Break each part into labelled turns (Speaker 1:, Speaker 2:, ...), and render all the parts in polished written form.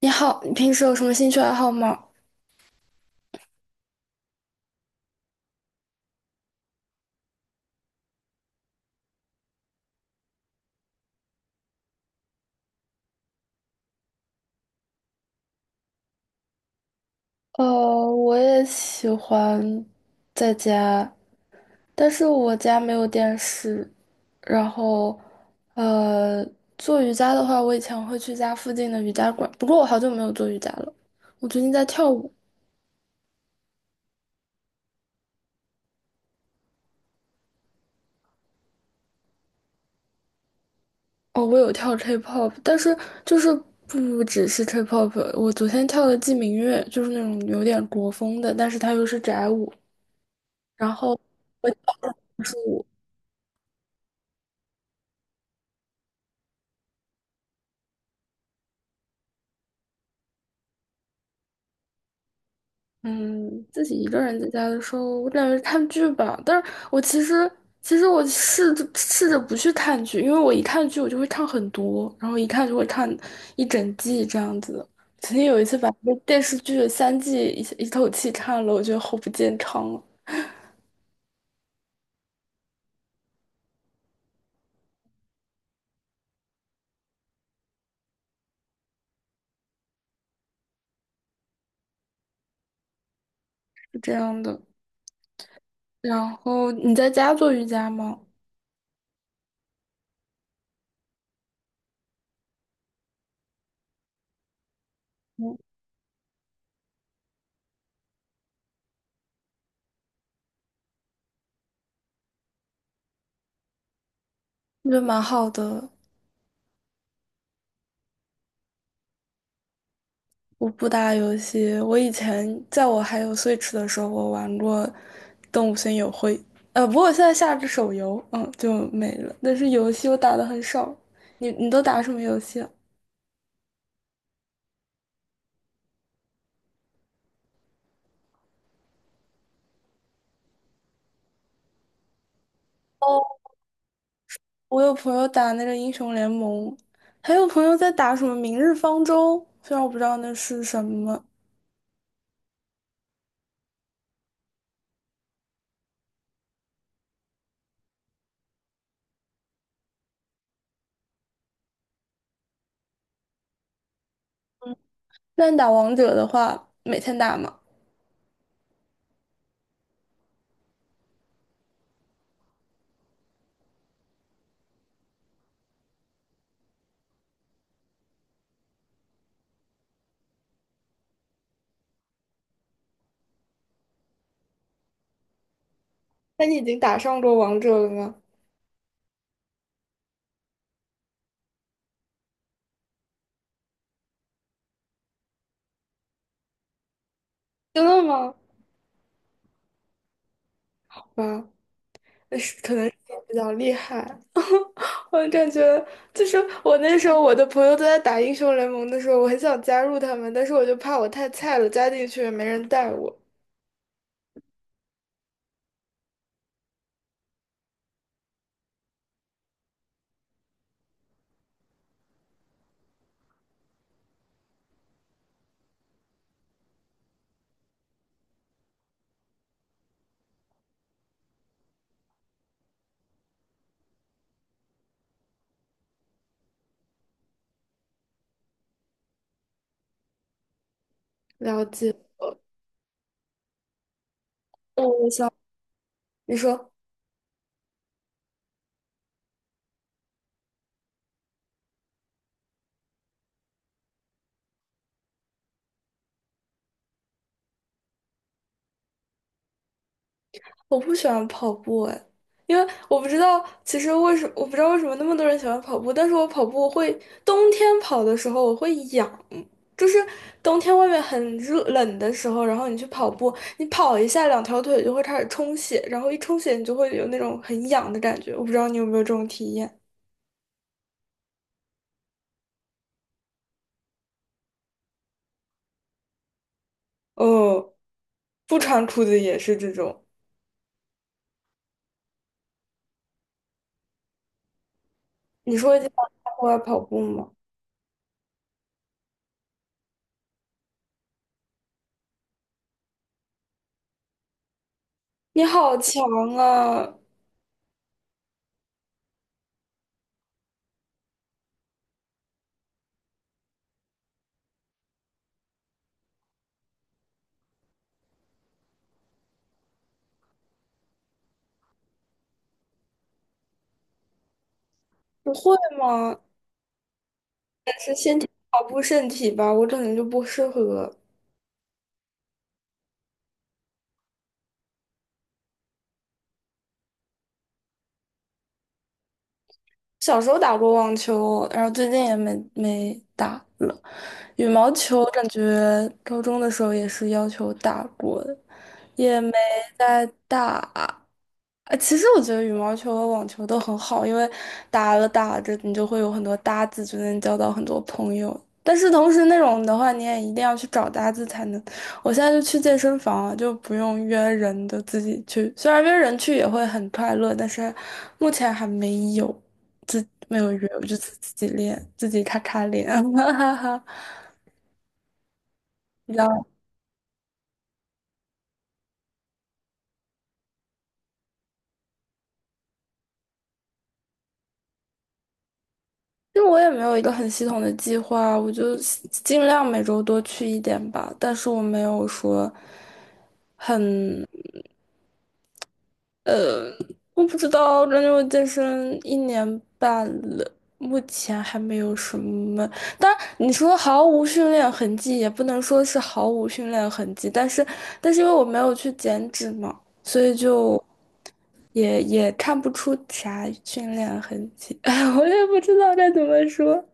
Speaker 1: 你好，你平时有什么兴趣爱好吗？呃，我也喜欢在家，但是我家没有电视。然后，呃，做瑜伽的话，我以前会去家附近的瑜伽馆，不过我好久没有做瑜伽了。我最近在跳舞。哦，我有跳 K-pop，但是就是不只是 K-pop。我昨天跳的季明月，就是那种有点国风的，但是它又是宅舞。然后我跳的是嗯，自己一个人在家的时候，我感觉看剧吧。但是我其实，其实我试着试着不去看剧，因为我一看剧我就会看很多，然后一看就会看一整季这样子。曾经有一次把一个电视剧的三季一口气看了，我觉得好不健康啊。是这样的。然后你在家做瑜伽吗？嗯，我觉得蛮好的。我不打游戏，我以前在我还有 Switch 的时候，我玩过《动物森友会》。不过我现在下了手游，嗯，就没了。但是游戏我打的很少。你都打什么游戏啊？哦，我有朋友打那个英雄联盟，还有朋友在打什么《明日方舟》，虽然我不知道那是什么。那你打王者的话，每天打吗？那你已经打上过王者了吗？真的吗？啊，可能是比较厉害。我感觉就是我那时候我的朋友都在打英雄联盟的时候，我很想加入他们，但是我就怕我太菜了，加进去也没人带我。了解。哦，我想你说，我不喜欢跑步哎，因为我不知道，其实我不知道为什么那么多人喜欢跑步，但是我跑步会冬天跑的时候我会痒，就是冬天外面很冷的时候，然后你去跑步，你跑一下两条腿就会开始充血，然后一充血你就会有那种很痒的感觉，我不知道你有没有这种体验？哦，不穿裤子也是这种。你说你在户外跑步吗？你好强啊！不会吗？是先跑步身体吧，我可能就不适合。小时候打过网球，然后最近也没打了。羽毛球感觉高中的时候也是要求打过的，也没再打。其实我觉得羽毛球和网球都很好，因为打了打着，你就会有很多搭子，就能交到很多朋友。但是同时那种的话，你也一定要去找搭子才能。我现在就去健身房啊，就不用约人的，自己去。虽然约人去也会很快乐，但是目前还没有没有约，我就自己练，自己咔咔练，哈哈哈。因为我也没有一个很系统的计划，我就尽量每周多去一点吧。但是我没有说很，我不知道，感觉我健身1年半了，目前还没有什么。但你说毫无训练痕迹，也不能说是毫无训练痕迹，但是因为我没有去减脂嘛，所以就也看不出啥训练痕迹。哎，我也不知道该怎么说。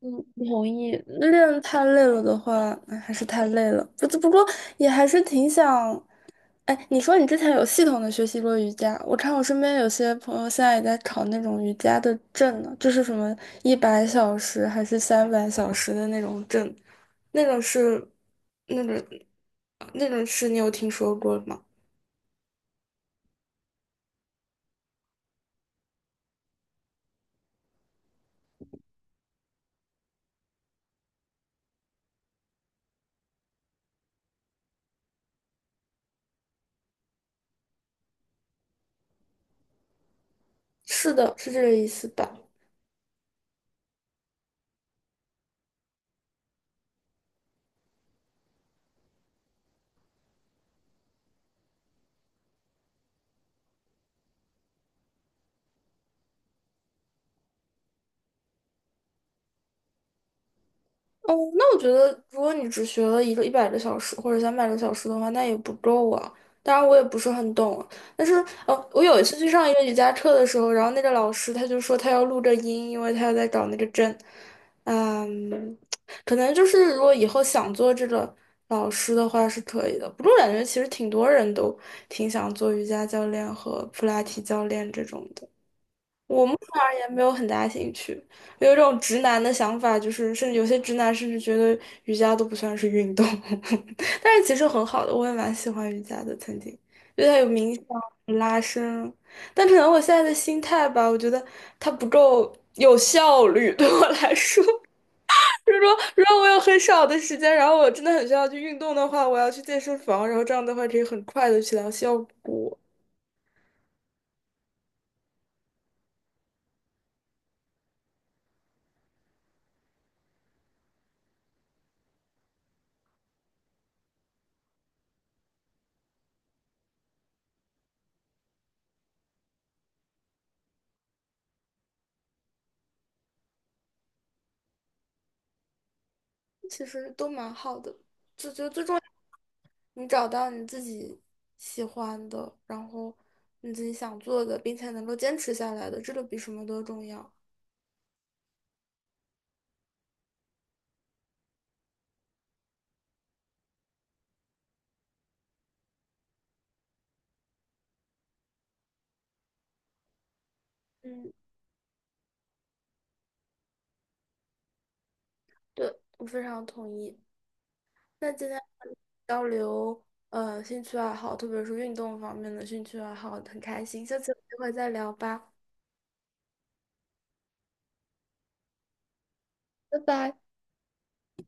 Speaker 1: 嗯，不同意。练太累了的话，哎还是太累了。不过也还是挺想。哎，你说你之前有系统的学习过瑜伽，我看我身边有些朋友现在也在考那种瑜伽的证呢，就是什么100小时还是300小时的那种证，那种是那种那种是你有听说过吗？是的，是这个意思吧？哦，那我觉得，如果你只学了一个100个小时或者300个小时的话，那也不够啊。当然，我也不是很懂，但是，我有一次去上一个瑜伽课的时候，然后那个老师他就说他要录着音，因为他要在找那个针。嗯，可能就是如果以后想做这个老师的话是可以的。不过我感觉其实挺多人都挺想做瑜伽教练和普拉提教练这种的。我目前而言没有很大兴趣，有一种直男的想法，就是甚至有些直男甚至觉得瑜伽都不算是运动。但是其实很好的，我也蛮喜欢瑜伽的，曾经，因为它有冥想、有拉伸，但可能我现在的心态吧，我觉得它不够有效率。对我来说，就是说如果我有很少的时间，然后我真的很需要去运动的话，我要去健身房，然后这样的话可以很快的起到效果。其实都蛮好的，就觉得最重要。你找到你自己喜欢的，然后你自己想做的，并且能够坚持下来的，这个比什么都重要。嗯，对，我非常同意。那今天交流，兴趣爱好，特别是运动方面的兴趣爱好，很开心。下次有机会再聊吧，拜拜。